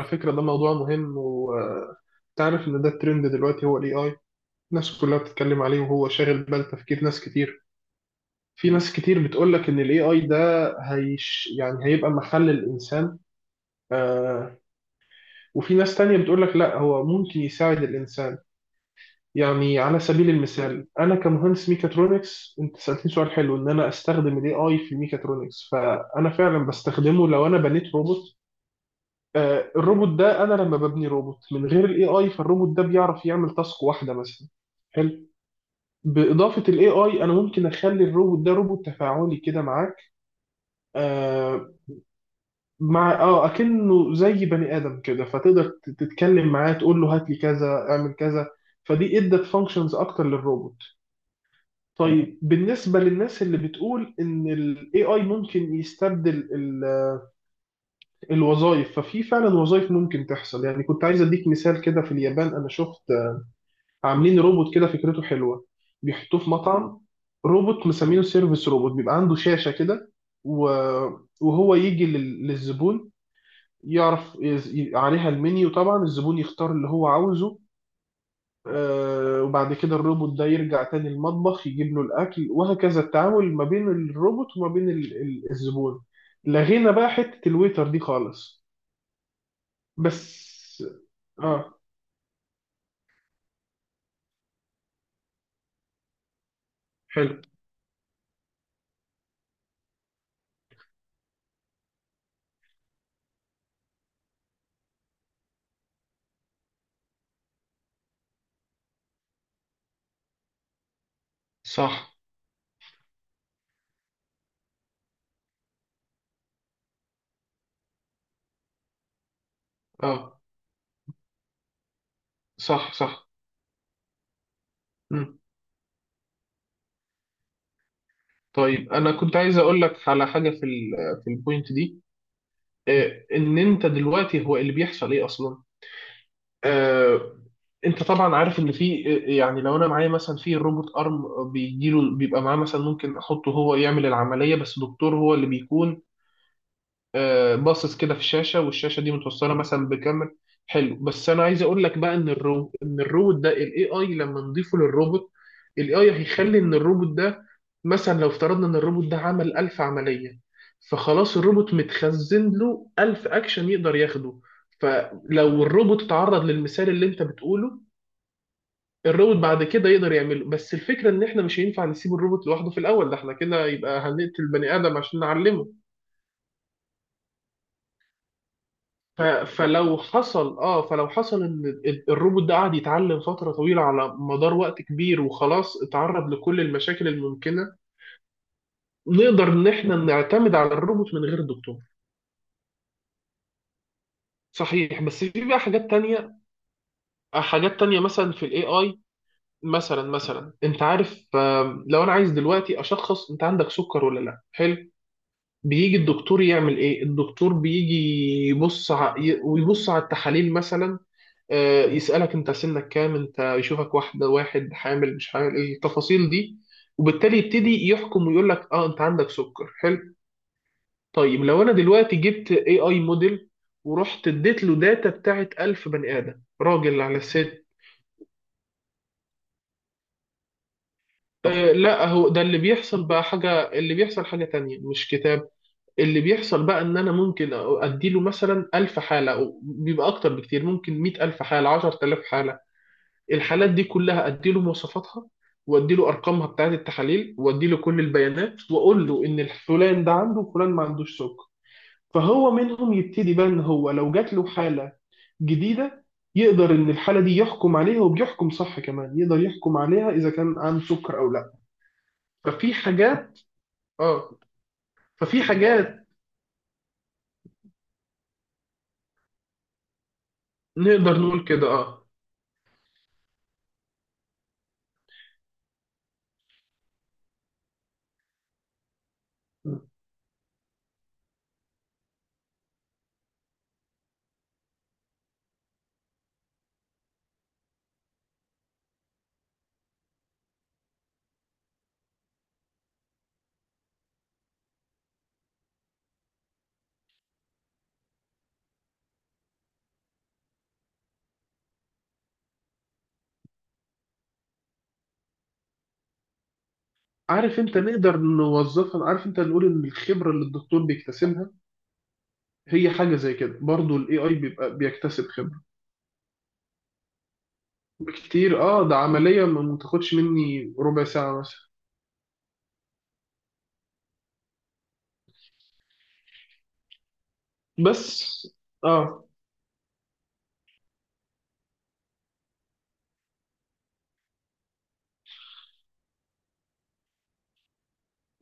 على فكرة ده موضوع مهم، وتعرف إن ده الترند دلوقتي هو ال AI. الناس كلها بتتكلم عليه، وهو شاغل بال تفكير ناس كتير. في ناس كتير بتقولك إن ال AI ده يعني هيبقى محل الإنسان. آه. وفي ناس تانية بتقولك لا، هو ممكن يساعد الإنسان. يعني على سبيل المثال، أنا كمهندس ميكاترونكس، أنت سألتني سؤال حلو إن أنا أستخدم ال AI في الميكاترونكس، فأنا فعلا بستخدمه لو أنا بنيت روبوت. آه، الروبوت ده انا لما ببني روبوت من غير الاي اي، فالروبوت ده بيعرف يعمل تاسك واحده مثلا. حلو. باضافه الاي اي، انا ممكن اخلي الروبوت ده روبوت تفاعلي كده معاك. آه. مع اكنه زي بني ادم كده، فتقدر تتكلم معاه، تقول له هات لي كذا اعمل كذا. فدي ادت فانكشنز اكتر للروبوت. طيب، بالنسبه للناس اللي بتقول ان الاي اي ممكن يستبدل الوظائف، ففي فعلا وظائف ممكن تحصل. يعني كنت عايز اديك مثال كده. في اليابان انا شفت عاملين روبوت كده، فكرته حلوه. بيحطوه في مطعم. روبوت مسمينه سيرفيس روبوت، بيبقى عنده شاشه كده و... وهو يجي للزبون، يعرف عليها المنيو. طبعا الزبون يختار اللي هو عاوزه. آه، وبعد كده الروبوت ده يرجع تاني المطبخ، يجيب له الأكل، وهكذا التعامل ما بين الروبوت وما بين الزبون. لغينا بقى حتة الويتر دي خالص. بس. اه. حلو. صح. اه، صح، صح. طيب انا كنت عايز اقول لك على حاجه في البوينت دي. آه، ان انت دلوقتي هو اللي بيحصل ايه اصلا. آه، انت طبعا عارف ان في، يعني لو انا معايا مثلا في روبوت ارم بيجيله، بيبقى معاه مثلا ممكن احطه هو يعمل العمليه، بس دكتور هو اللي بيكون آه، باصص كده في الشاشه، والشاشه دي متوصله مثلا بكاميرا. حلو. بس انا عايز اقول لك بقى ان الروبوت ده، الاي اي لما نضيفه للروبوت، الاي اي هيخلي ان الروبوت ده، مثلا لو افترضنا ان الروبوت ده عمل 1000 عمليه، فخلاص الروبوت متخزن له 1000 اكشن يقدر ياخده. فلو الروبوت اتعرض للمثال اللي انت بتقوله، الروبوت بعد كده يقدر يعمله. بس الفكره ان احنا مش هينفع نسيب الروبوت لوحده في الاول، ده احنا كده يبقى هنقتل بني ادم عشان نعلمه. ف- فلو حصل ان الروبوت ده قعد يتعلم فتره طويله على مدار وقت كبير، وخلاص اتعرض لكل المشاكل الممكنه، نقدر ان احنا نعتمد على الروبوت من غير دكتور. صحيح. بس في بقى حاجات تانية مثلا في الاي اي. مثلا انت عارف، لو انا عايز دلوقتي اشخص انت عندك سكر ولا لا. حلو. بيجي الدكتور يعمل ايه؟ الدكتور بيجي ويبص على التحاليل مثلا. آه، يسألك انت سنك كام، انت يشوفك واحدة واحد، حامل مش حامل، التفاصيل دي. وبالتالي يبتدي يحكم، ويقول لك اه انت عندك سكر. حلو. طيب لو انا دلوقتي جبت اي اي موديل، ورحت اديت له داتا بتاعت 1000 بني ادم، راجل على ست. آه لا، هو ده اللي بيحصل بقى. حاجة اللي بيحصل حاجة تانية، مش كتاب. اللي بيحصل بقى ان انا ممكن اديله مثلا 1000 حالة، أو بيبقى اكتر بكتير، ممكن 100000 حالة، 10000 حالة. الحالات دي كلها ادي له مواصفاتها، وادي له ارقامها بتاعت التحاليل، وادي له كل البيانات، واقول له ان فلان ده عنده وفلان ما عندوش سكر. فهو منهم يبتدي بقى، ان هو لو جات له حاله جديده، يقدر ان الحاله دي يحكم عليها، وبيحكم صح كمان، يقدر يحكم عليها اذا كان عنده سكر او لا. ففي حاجات. اه. ففي حاجات نقدر نقول كده. اه. عارف انت نقدر نوظفها، عارف انت نقول ان الخبره اللي الدكتور بيكتسبها هي حاجه زي كده، برضو الاي اي بيبقى بيكتسب خبره. بكتير. اه، ده عملية ما تاخدش مني ربع ساعة مثلا. بس. اه.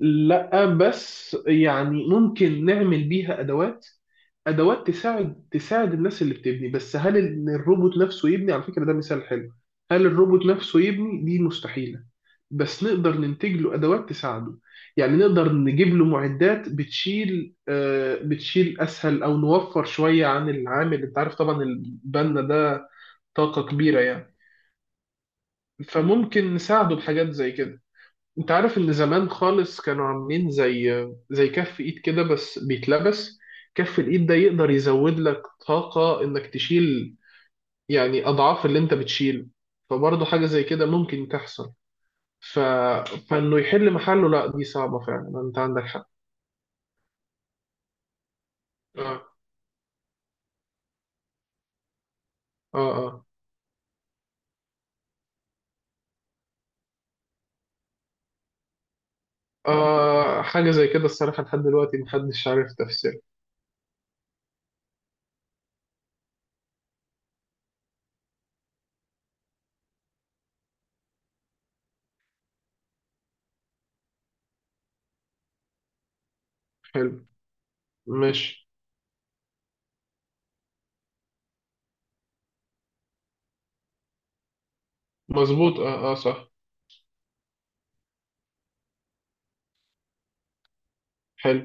لا بس يعني ممكن نعمل بيها ادوات، ادوات تساعد الناس اللي بتبني. بس هل إن الروبوت نفسه يبني؟ على فكرة ده مثال حلو. هل الروبوت نفسه يبني؟ دي مستحيلة. بس نقدر ننتج له ادوات تساعده، يعني نقدر نجيب له معدات بتشيل اسهل، او نوفر شوية عن العامل. انت عارف طبعا البنا ده طاقة كبيرة يعني. فممكن نساعده بحاجات زي كده. انت عارف ان زمان خالص كانوا عاملين زي كف ايد كده، بس بيتلبس. كف الايد ده يقدر يزود لك طاقة انك تشيل، يعني اضعاف اللي انت بتشيله. فبرضه حاجة زي كده ممكن تحصل. ف... فانه يحل محله، لا دي صعبة فعلا، انت عندك حق. اه، اه، اه. آه، حاجة زي كده الصراحة لحد دلوقتي محدش عارف تفسيرها. حلو. ماشي. مظبوط، اه، اه، صح. حلو.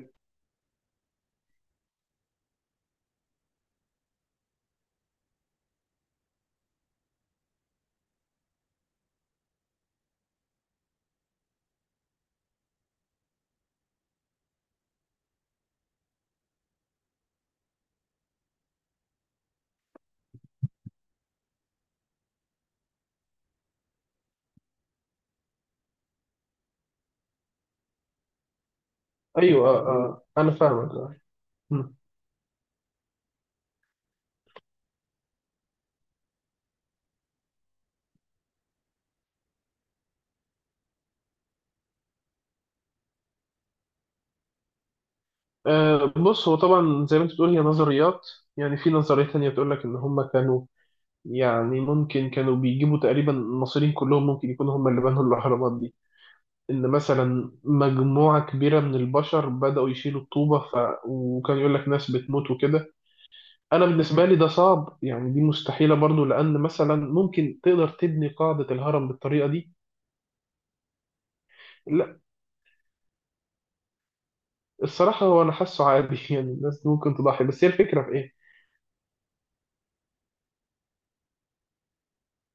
ايوه، اه، اه، انا فاهمك. اه. أه، بص هو طبعا زي ما انت بتقول هي نظريات. يعني في نظرية تانية بتقول لك ان هم كانوا، يعني ممكن كانوا بيجيبوا تقريبا المصريين كلهم، ممكن يكونوا هم اللي بنوا الاهرامات دي. ان مثلا مجموعة كبيرة من البشر بدأوا يشيلوا الطوبة، وكان يقول لك ناس بتموت وكده. انا بالنسبة لي ده صعب، يعني دي مستحيلة برضو، لان مثلا ممكن تقدر تبني قاعدة الهرم بالطريقة دي. لا. الصراحة هو انا حاسه عادي يعني الناس ممكن تضحي، بس هي الفكرة في ايه.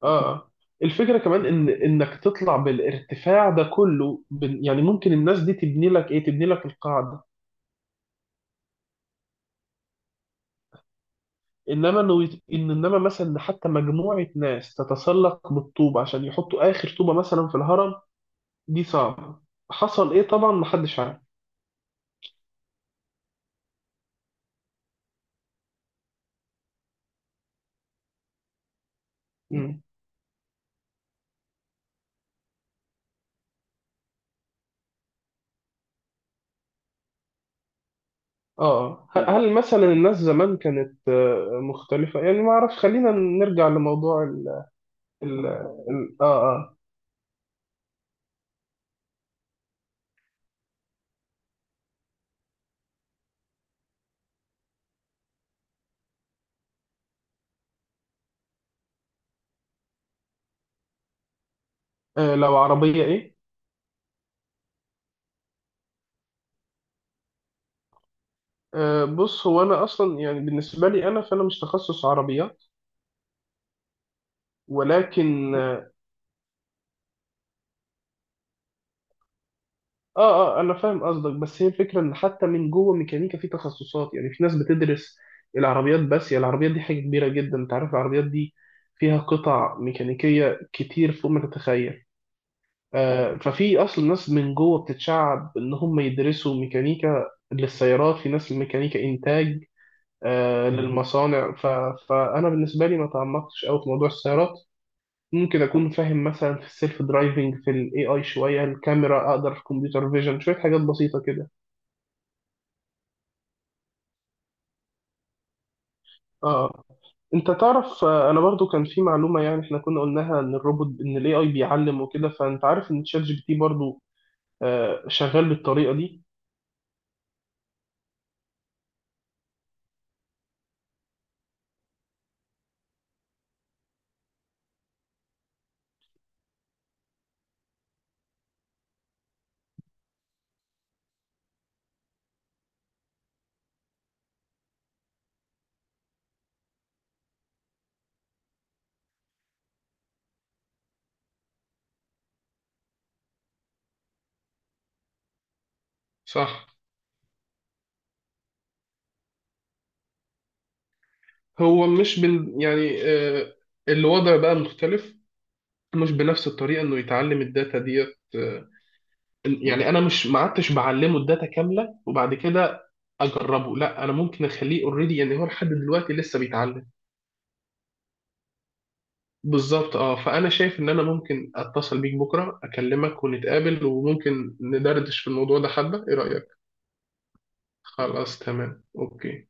اه. آه. الفكرة كمان ان انك تطلع بالارتفاع ده كله، يعني ممكن الناس دي تبني لك ايه؟ تبني لك القاعدة. انما انه يت- ان انما مثلا إن حتى مجموعة ناس تتسلق بالطوب عشان يحطوا اخر طوبة مثلا في الهرم، دي صعبة. حصل ايه طبعا محدش عارف. مم. اه. آه. مم. هل مثلا الناس زمان كانت آه، مختلفة يعني؟ ما اعرفش. خلينا نرجع لموضوع ال ال- اه اه لو عربية ايه. أه، بص هو انا اصلا يعني بالنسبه لي، انا مش تخصص عربيات. ولكن اه آه، انا فاهم قصدك. بس هي الفكره ان حتى من جوه ميكانيكا في تخصصات. يعني في ناس بتدرس العربيات بس، يعني العربيات دي حاجه كبيره جدا. انت عارف العربيات دي فيها قطع ميكانيكيه كتير فوق ما تتخيل. آه، ففي اصلا ناس من جوه بتتشعب ان هم يدرسوا ميكانيكا للسيارات، في ناس الميكانيكا انتاج. آه، مم، للمصانع. فانا بالنسبه لي ما تعمقتش قوي في موضوع السيارات. ممكن اكون فاهم مثلا في السيلف درايفنج، في الاي اي شويه، الكاميرا اقدر، في كمبيوتر فيجن شويه، حاجات بسيطه كده. اه. انت تعرف، آه، انا برضو كان في معلومه، يعني احنا كنا قلناها ان الروبوت، ان الاي اي بيعلم وكده. فانت عارف ان تشات جي بي تي برضو آه، شغال بالطريقه دي. صح. هو مش بن يعني آه، الوضع بقى مختلف، مش بنفس الطريقه انه يتعلم الداتا ديت. يعني انا مش ما عدتش بعلمه الداتا كامله وبعد كده اجربه، لا انا ممكن اخليه اوريدي. يعني هو لحد دلوقتي لسه بيتعلم. بالظبط. اه، فانا شايف ان انا ممكن اتصل بيك بكره، اكلمك ونتقابل، وممكن ندردش في الموضوع ده حبه. ايه رايك؟ خلاص تمام. اوكي.